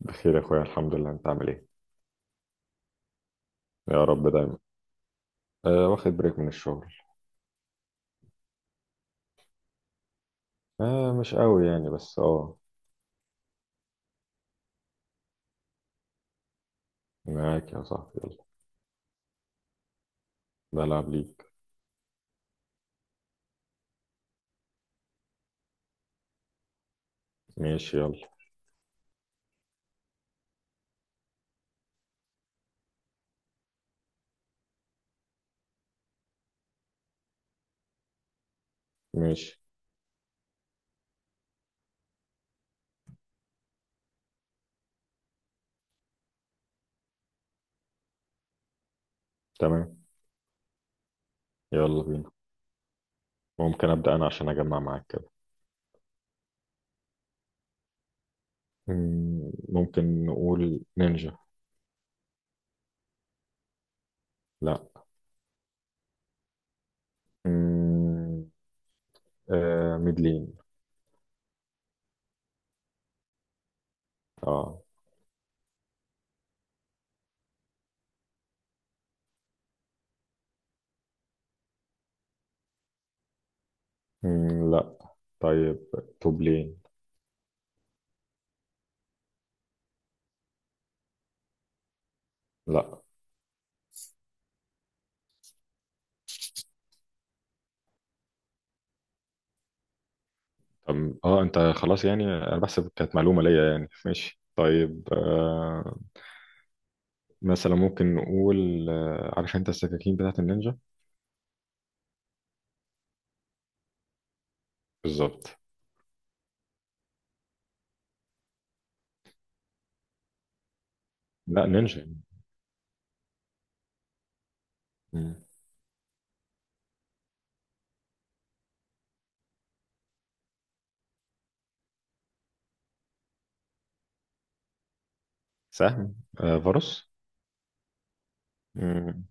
بخير يا اخويا، الحمد لله. انت عامل ايه؟ يا رب دايما. أه، واخد بريك من الشغل. أه، مش قوي يعني، بس معاك يا صاحبي، يلا. بلعب ليك. ماشي، يلا. ماشي، تمام. يلا بينا. ممكن ابدا انا عشان اجمع معاك كده. ممكن نقول نينجا. لا. مم، أه ميدلين. اه. لا. طيب، توب لين. لا. طب انت خلاص يعني، انا بحسب كانت معلومه ليا يعني. ماشي، طيب مثلا ممكن نقول، عارف انت السكاكين بتاعت النينجا؟ بالظبط. لا، نينجا يعني. مم. سهم. فاروس. مم.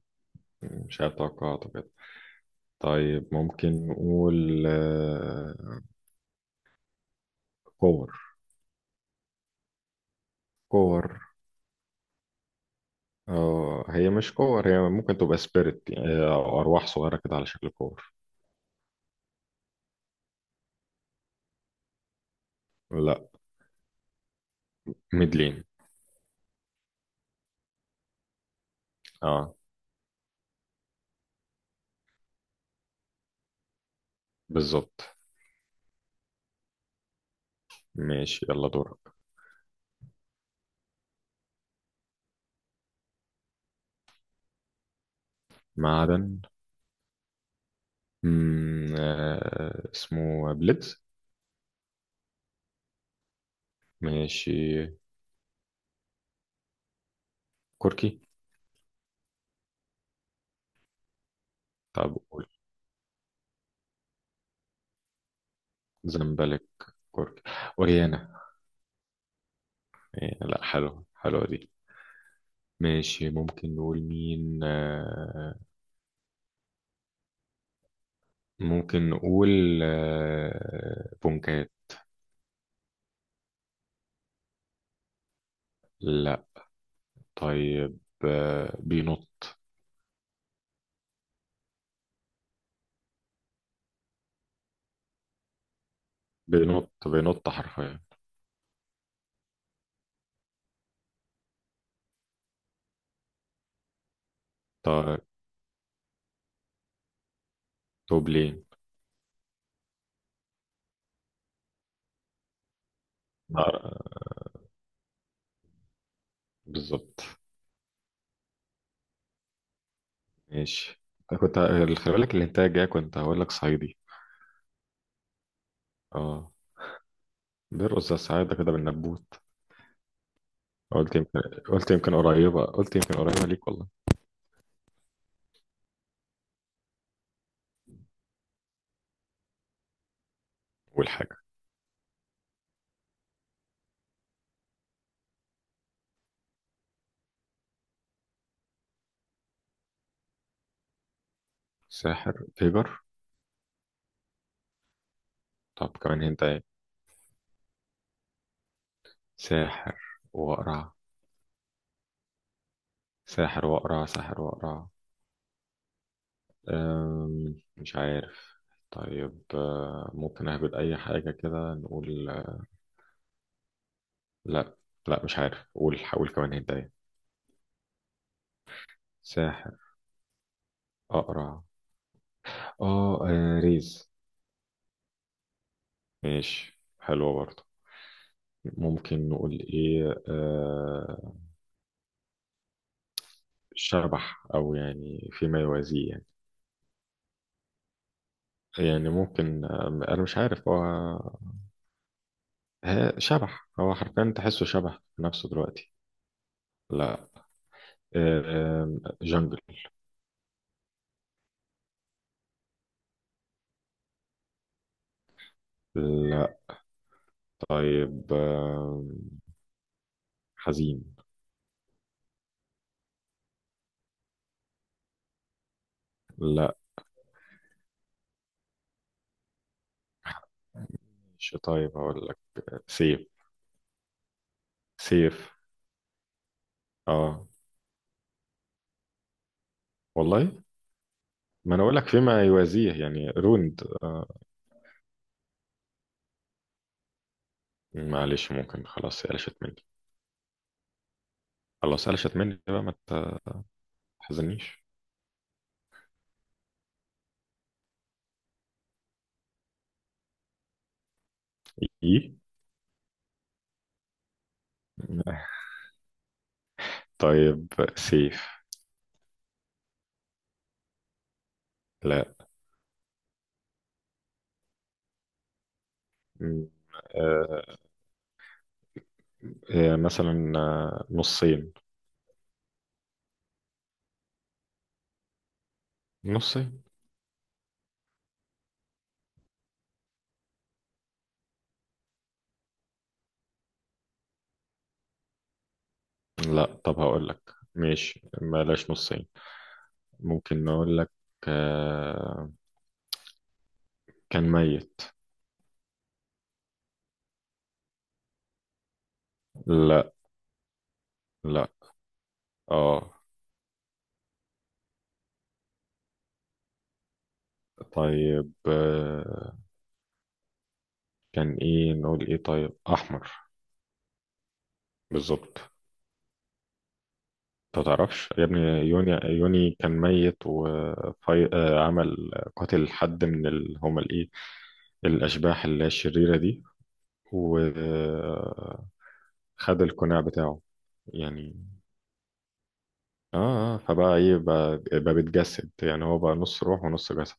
مش عارف توقعاته كده. طيب، ممكن نقول كور. كور. هي مش كور، هي ممكن تبقى سبيريت، أو أرواح صغيرة كده على شكل كور. لا. ميدلين. اه. بالظبط. ماشي، يلا دورك. معدن. اسمه بليدز. ماشي. كوركي. طب. زمبلك. كورك، وريانا. إيه، لا حلوة حلوة دي. ماشي، ممكن نقول مين؟ ممكن نقول بونكات. لا. طيب، بينط. بينط، بينط حرفيا. طيب، توبلين. لا، بالظبط. ماشي. كنت. خلي بالك الانتاج جاي، كنت هقول لك صعيدي. اه. بيرقص الصعيدة كده بالنبوت. قلت يمكن، قلت يمكن قريبة، قلت يمكن قريبة ليك والله. أول حاجة. ساحر تيجر. طب، كمان هنت ايه؟ ساحر وأقرع، ساحر وأقرع، ساحر وأقرع. مش عارف. طيب، ممكن أهبط أي حاجة كده، نقول لا. لا، مش عارف. قول، حاول كمان هنت ايه؟ ساحر، أقرع. ريز. ماشي، حلوة برضه. ممكن نقول إيه؟ شبح، أو يعني فيما يوازيه يعني. يعني ممكن، أنا مش عارف هو شبح. هو حرفيا تحسه شبح نفسه دلوقتي. لا. جنجل. لا. طيب حزين. لا. مش، طيب هقول لك سيف. سيف. اه. والله ما انا اقول لك فيما يوازيه يعني روند. معلش، ممكن خلاص قلشت مني. خلاص قلشت مني بقى. ما تحزنيش. ايه. طيب. سيف. لا. م- آه. مثلا نصين. نصين. لا. طب هقول لك، ماشي، بلاش نصين. ممكن نقول لك آه، كان ميت. لا. لا. اه. طيب، كان ايه، نقول ايه، طيب احمر. بالظبط. انت تعرفش يا ابني؟ يوني، يوني كان ميت، وعمل قتل حد من هما الايه، الاشباح اللي هي الشريرة دي، وخد القناع بتاعه يعني. اه. فبقى ايه، بقى بيتجسد يعني. هو بقى نص روح ونص جسد،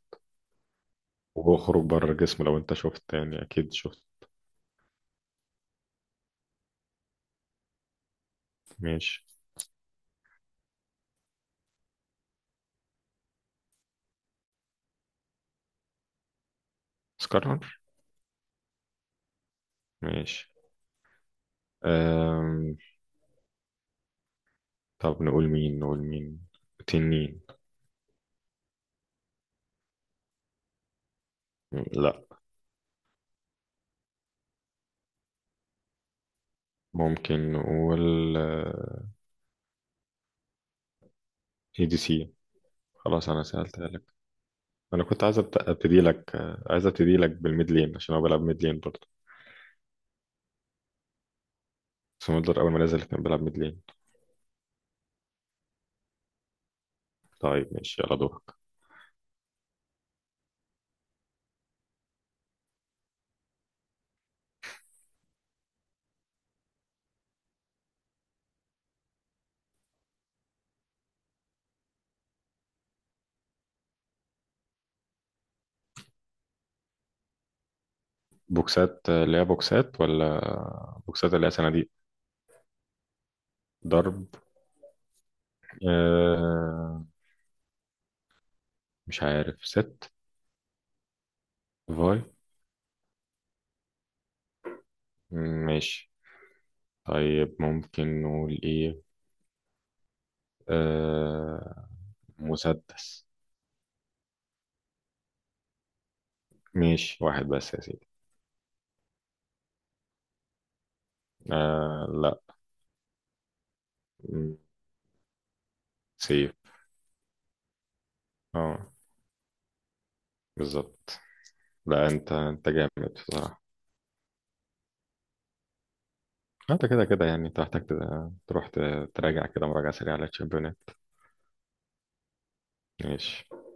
وبيخرج بره الجسم. لو انت شفت يعني، اكيد شفت. ماشي. اسكرنر. ماشي. أم... طب نقول مين، نقول مين، تنين. لا. ممكن نقول ADC. خلاص انا سألتها لك. انا كنت عايز ابتدي لك، عايز ابتدي لك بالميد لين، عشان هو بيلعب ميد لين برضه. سمودلر اول ما نزل كان بيلعب ميد لين. طيب، ماشي، يلا دورك. بوكسات. اللي هي بوكسات، ولا بوكسات اللي هي صناديق؟ ضرب. آه... مش عارف. ست. فاي. ماشي. طيب، ممكن نقول ايه؟ آه مسدس. ماشي، واحد بس يا سيدي. لا. م- سيف. اه. بالظبط. لا، انت جامد بصراحة. انت كده كده يعني، انت محتاج تروح تراجع كده مراجعة سريعة على الشامبيونات. ماشي.